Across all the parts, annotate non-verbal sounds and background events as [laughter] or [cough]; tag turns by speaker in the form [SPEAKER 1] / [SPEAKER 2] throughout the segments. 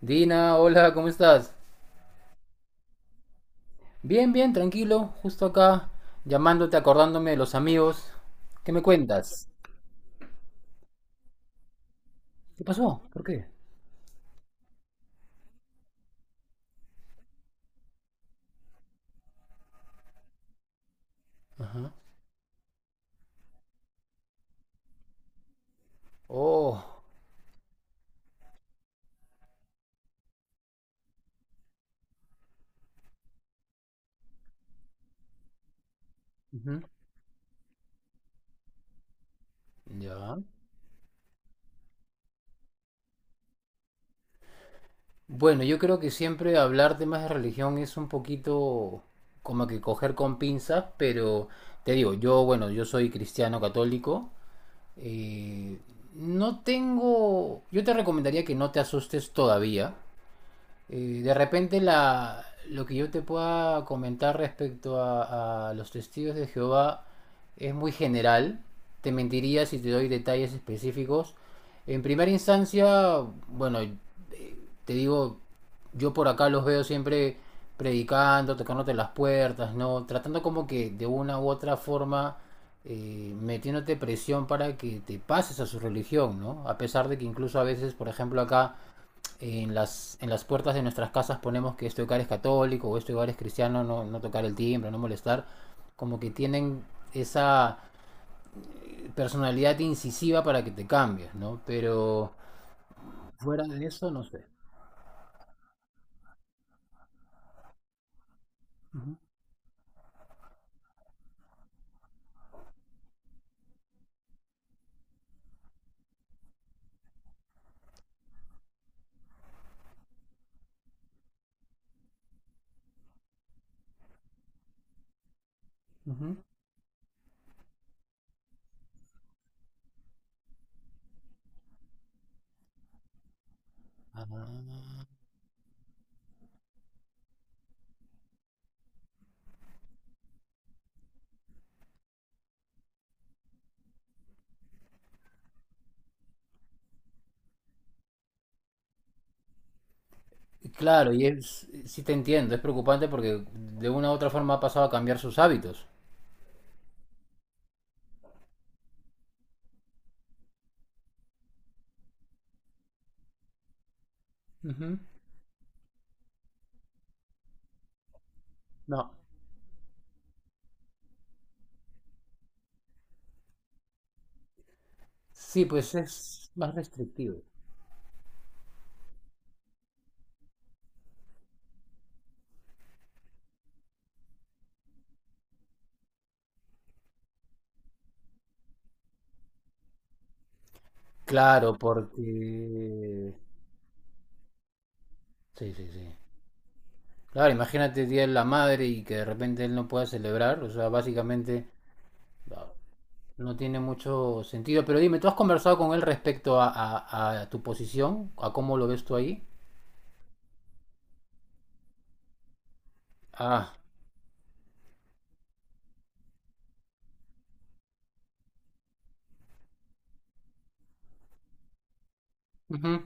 [SPEAKER 1] Dina, hola, ¿cómo estás? Bien, tranquilo, justo acá, llamándote, acordándome de los amigos. ¿Qué me cuentas? ¿Qué pasó? ¿Por qué? Ajá. Oh, ujú, ya. Bueno, yo creo que siempre hablar temas de religión es un poquito como que coger con pinzas, pero te digo, yo, bueno, yo soy cristiano católico. eh, no tengo, yo te recomendaría que no te asustes todavía. De repente lo que yo te pueda comentar respecto a los testigos de Jehová es muy general. Te mentiría si te doy detalles específicos. En primera instancia, bueno, te digo, yo por acá los veo siempre predicando, tocándote las puertas, ¿no? Tratando como que de una u otra forma metiéndote presión para que te pases a su religión, ¿no? A pesar de que incluso a veces, por ejemplo, acá en en las puertas de nuestras casas ponemos que este hogar es católico o este hogar es cristiano, no, no tocar el timbre, no molestar, como que tienen esa personalidad incisiva para que te cambies, ¿no? Pero fuera de eso, no sé. Ujú, ujú. Ah, claro, y es, sí te entiendo, es preocupante porque de una u otra forma ha pasado a cambiar sus hábitos. Ujú. No, sí, pues es más restrictivo. Claro, porque... Sí, sí, sí. Claro, imagínate el Día de la Madre y que de repente él no pueda celebrar, o sea, básicamente no- no tiene mucho sentido. Pero dime, ¿tú has conversado con él respecto a, a tu posición? ¿A cómo lo ves tú ahí? Ah, ujú,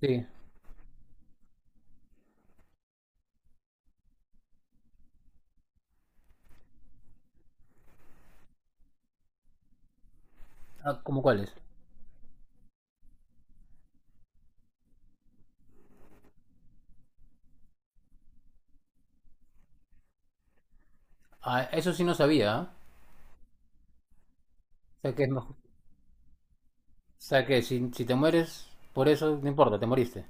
[SPEAKER 1] sí. Ah, ¿cómo cuáles? Ah, eso sí no sabía, ¿ah? O sea que es mejor- O sea que si, si te mueres por eso, no importa, te moriste.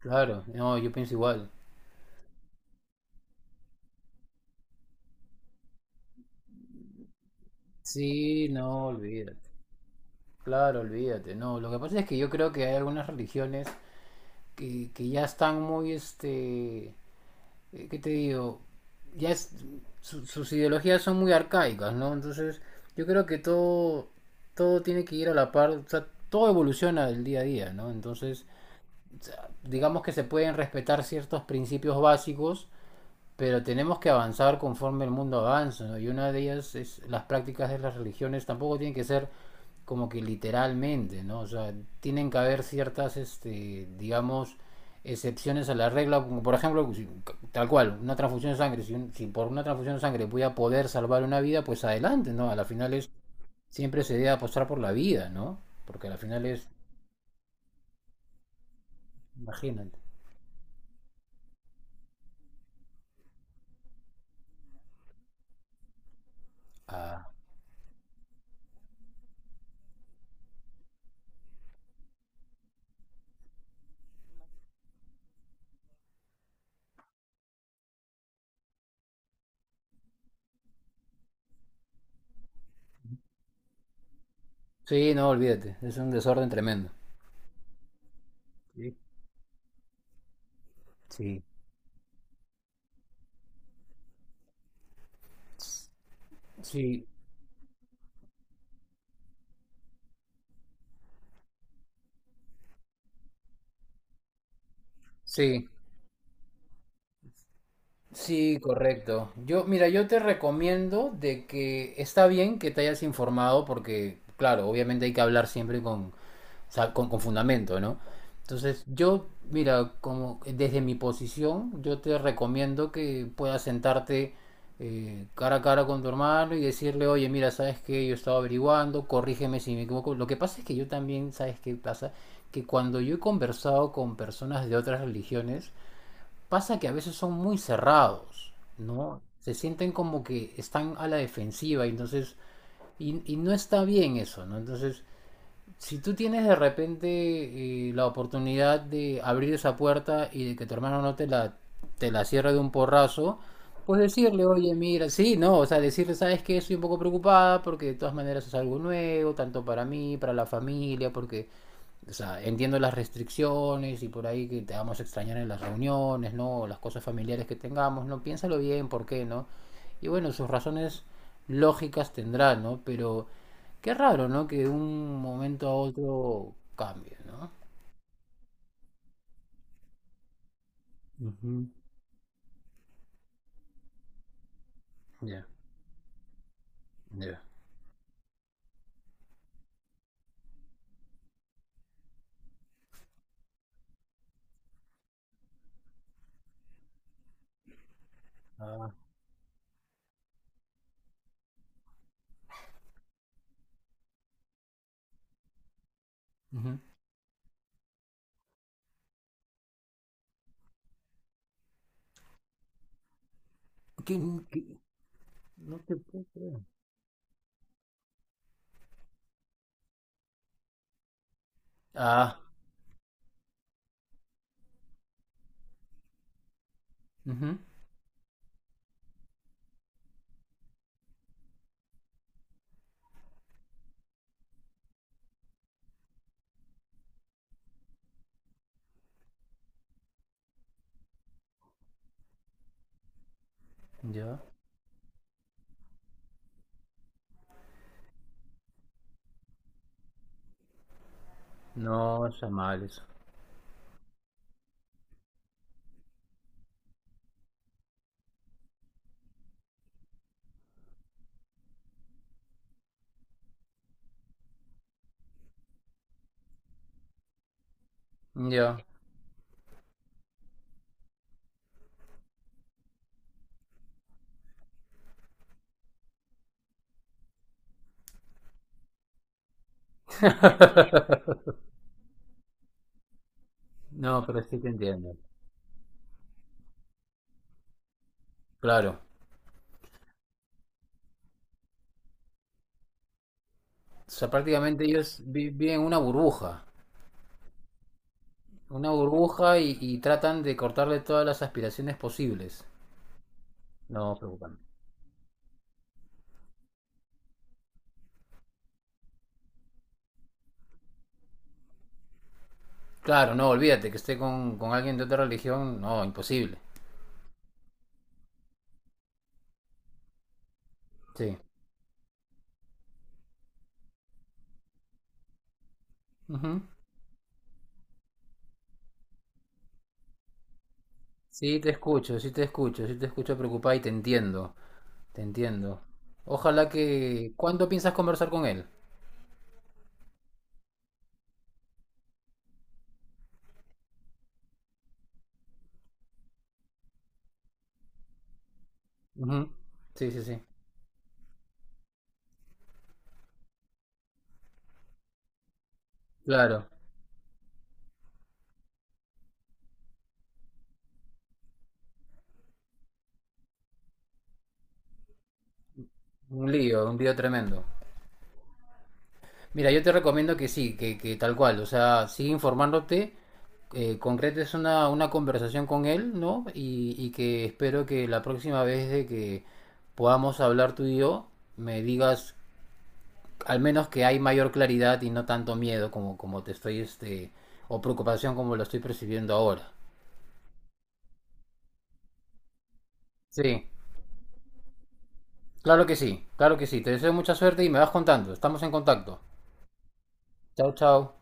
[SPEAKER 1] Claro, no, yo pienso igual. Sí, no, olvídate. Claro, olvídate. No, lo que pasa es que yo creo que hay algunas religiones que ya están muy, este, ¿qué te digo? Ya es- Sus ideologías son muy arcaicas, ¿no? Entonces, yo creo que todo, todo tiene que ir a la par, o sea, todo evoluciona del día a día, ¿no? Entonces, digamos que se pueden respetar ciertos principios básicos, pero tenemos que avanzar conforme el mundo avanza, ¿no? Y una de ellas es las prácticas de las religiones tampoco tienen que ser como que literalmente, ¿no? O sea, tienen que haber ciertas, este, digamos, excepciones a la regla, como por ejemplo, tal cual, una transfusión de sangre, si, si por una transfusión de sangre voy a poder salvar una vida, pues adelante, ¿no? A la final es, siempre se debe apostar por la vida, ¿no? Porque a la final es, imagínate. Ah. Sí, no, olvídate, es un desorden tremendo. Sí. Sí. Sí, sí. Sí, correcto. Yo, mira, yo te recomiendo de que está bien que te hayas informado porque, claro, obviamente hay que hablar siempre con, o sea, con fundamento, ¿no? Entonces, yo, mira, como desde mi posición, yo te recomiendo que puedas sentarte cara a cara con tu hermano y decirle, oye, mira, sabes que yo estaba averiguando, corrígeme si me equivoco. Lo que pasa es que yo también, ¿sabes qué pasa? Que cuando yo he conversado con personas de otras religiones, pasa que a veces son muy cerrados, ¿no? Se sienten como que están a la defensiva, y entonces, y no está bien eso, ¿no? Entonces, si tú tienes de repente la oportunidad de abrir esa puerta y de que tu hermano no te la cierre de un porrazo, pues decirle, oye, mira, sí, no, o sea, decirle, sabes que estoy un poco preocupada porque de todas maneras es algo nuevo, tanto para mí, para la familia, porque o sea, entiendo las restricciones y por ahí que te vamos a extrañar en las reuniones, ¿no? Las cosas familiares que tengamos, ¿no? Piénsalo bien, ¿por qué, no? Y bueno, sus razones lógicas tendrá, ¿no? Pero qué raro, ¿no? Que de un momento a otro cambie, ¿no? Ujú. Ya, ya. Ah, ujú. ¿Qué- qué? No te puedo creer. Ah, ujú, ya. No, está mal eso. Ya. [laughs] No, pero sí te entiendo. Claro. O sea, prácticamente ellos viven una burbuja y tratan de cortarle todas las aspiraciones posibles. No, preocupante. Claro, no, olvídate que esté con alguien de otra religión, no, imposible. Sí. Ujú. Sí, te escucho, sí te escucho, sí te escucho preocupada y te entiendo, te entiendo. Ojalá que... ¿Cuándo piensas conversar con él? Ujú. Sí, sí, sí. Claro, un lío tremendo. Mira, yo te recomiendo que sí, que tal cual, o sea, sigue informándote, concretes una conversación con él, ¿no? Y que espero que la próxima vez de que podamos hablar tú y yo, me digas al menos que hay mayor claridad y no tanto miedo como, como te estoy, este, o preocupación como lo estoy percibiendo ahora. Sí, claro que sí, claro que sí. Te deseo mucha suerte y me vas contando. Estamos en contacto. Chao, chao.